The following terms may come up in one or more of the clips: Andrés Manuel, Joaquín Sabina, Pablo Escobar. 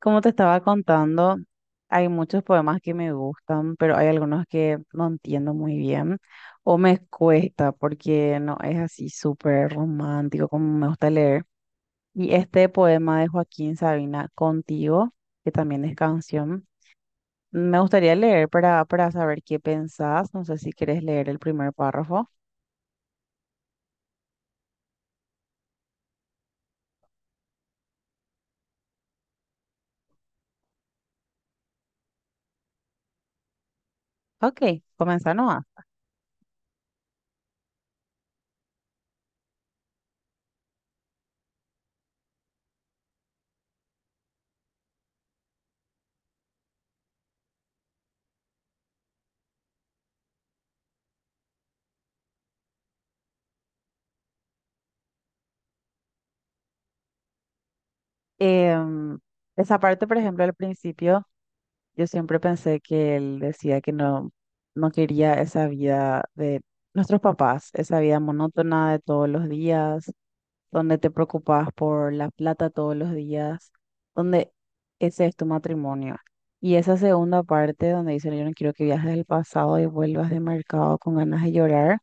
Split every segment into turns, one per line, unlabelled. Como te estaba contando, hay muchos poemas que me gustan, pero hay algunos que no entiendo muy bien o me cuesta porque no es así súper romántico como me gusta leer. Y este poema de Joaquín Sabina, Contigo, que también es canción, me gustaría leer para saber qué pensás. No sé si quieres leer el primer párrafo. Ok, comenzá nomás. Em, esa parte, por ejemplo, al principio. Yo siempre pensé que él decía que no quería esa vida de nuestros papás, esa vida monótona de todos los días, donde te preocupas por la plata todos los días, donde ese es tu matrimonio. Y esa segunda parte donde dice, yo no quiero que viajes al pasado y vuelvas de mercado con ganas de llorar,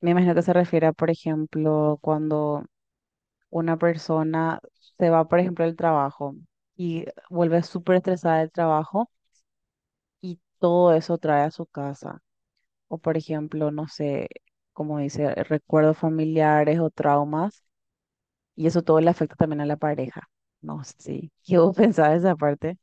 me imagino que se refiere a, por ejemplo, cuando una persona se va, por ejemplo, al trabajo y vuelve súper estresada del trabajo y todo eso trae a su casa. O por ejemplo, no sé, como dice, recuerdos familiares o traumas, y eso todo le afecta también a la pareja. No sé, sí. ¿Qué vos pensás de esa parte?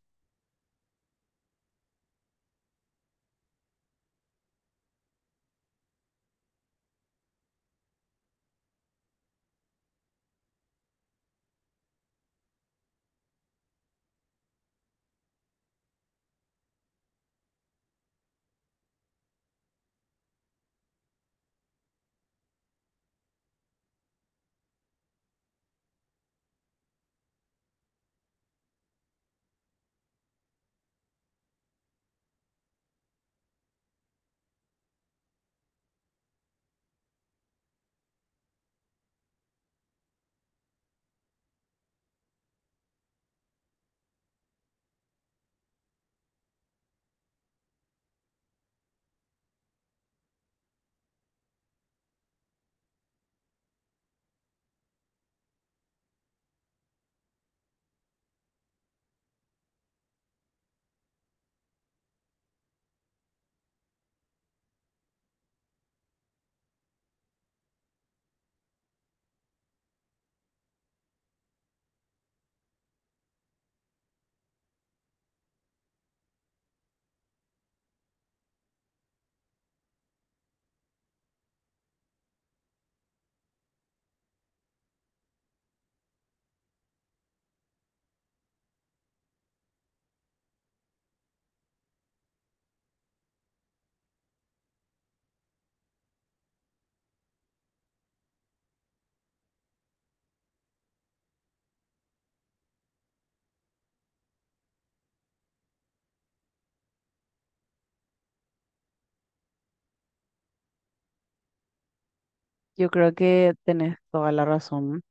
Yo creo que tenés toda la razón.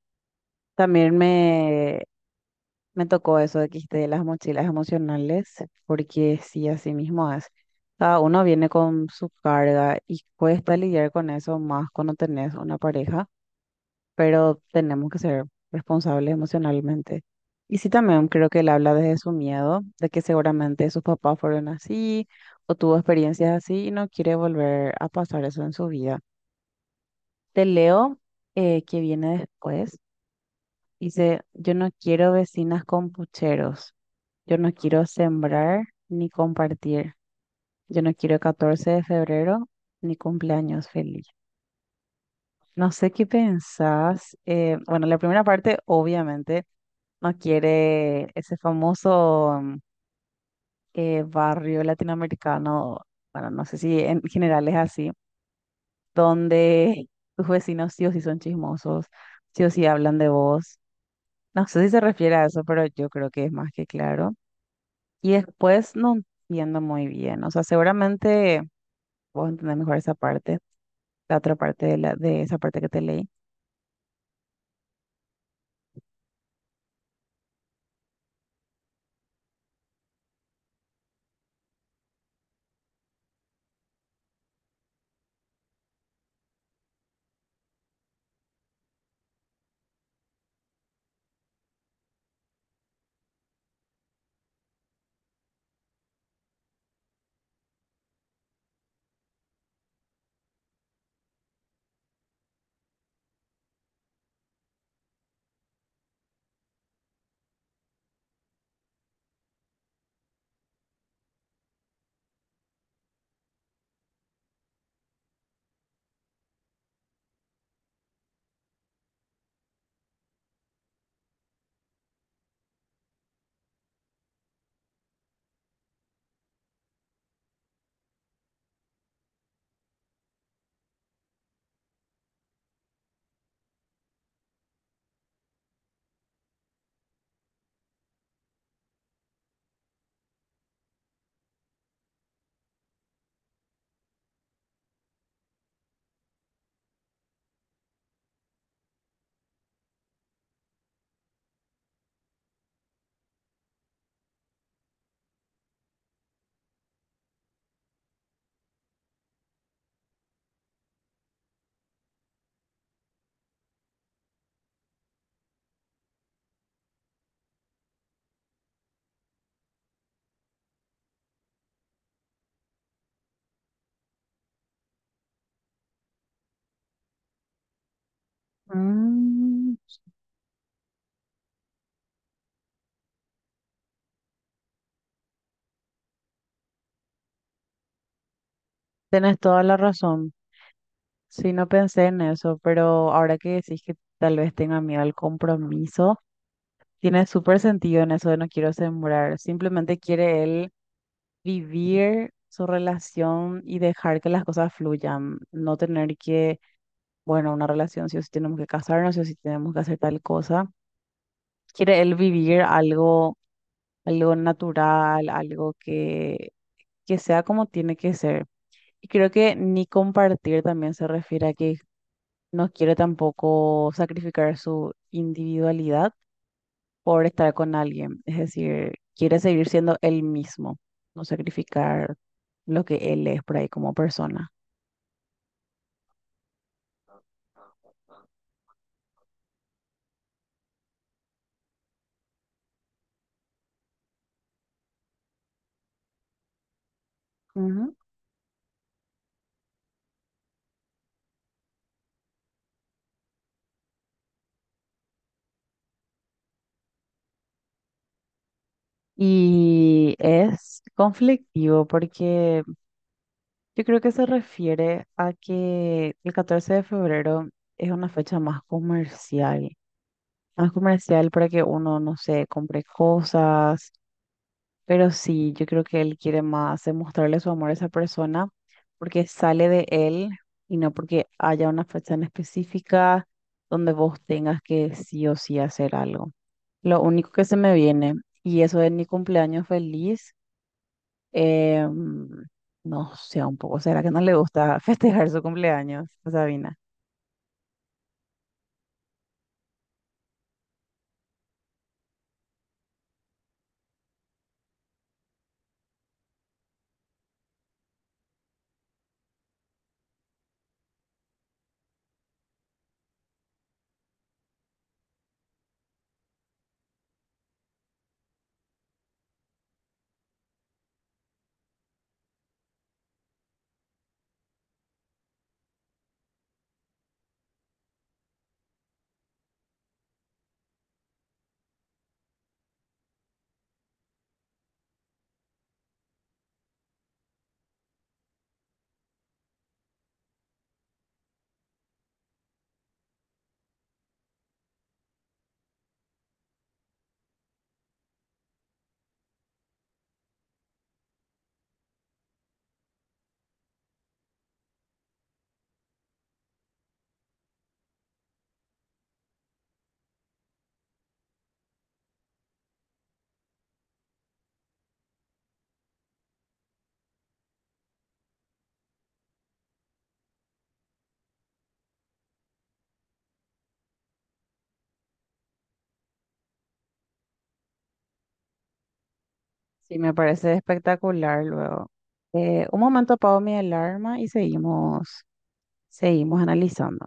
También me, me tocó eso de que dijiste de las mochilas emocionales, porque sí, así mismo es. Cada uno viene con su carga y cuesta lidiar con eso más cuando tenés una pareja, pero tenemos que ser responsables emocionalmente. Y sí, también creo que él habla desde su miedo, de que seguramente sus papás fueron así o tuvo experiencias así y no quiere volver a pasar eso en su vida. Te leo que viene después. Dice, yo no quiero vecinas con pucheros, yo no quiero sembrar ni compartir, yo no quiero 14 de febrero ni cumpleaños feliz. No sé qué pensás. Bueno, la primera parte, obviamente, no quiere ese famoso barrio latinoamericano, bueno, no sé si en general es así, donde tus vecinos sí o sí son chismosos, sí o sí hablan de vos. No sé si se refiere a eso, pero yo creo que es más que claro. Y después no entiendo muy bien, o sea, seguramente vos entendés mejor esa parte la otra parte de esa parte que te leí. Mm. Tienes toda la razón. Sí, no pensé en eso, pero ahora que decís que tal vez tenga miedo al compromiso, tiene súper sentido en eso de no quiero sembrar. Simplemente quiere él vivir su relación y dejar que las cosas fluyan, no tener bueno, una relación si o sí tenemos que casarnos, si o sí tenemos que hacer tal cosa. Quiere él vivir algo natural, algo que sea como tiene que ser. Y creo que ni compartir también se refiere a que no quiere tampoco sacrificar su individualidad por estar con alguien. Es decir, quiere seguir siendo él mismo, no sacrificar lo que él es por ahí como persona. Ujú. Y es conflictivo porque yo creo que se refiere a que el 14 de febrero es una fecha más comercial para que uno, no sé, compre cosas, pero sí, yo creo que él quiere más demostrarle su amor a esa persona porque sale de él y no porque haya una fecha en específica donde vos tengas que sí o sí hacer algo. Lo único que se me viene, y eso es mi cumpleaños feliz. Eh, no sé, un poco, ¿será que no le gusta festejar su cumpleaños a Sabina? Sí, me parece espectacular luego. Un momento, apago mi alarma y seguimos analizando.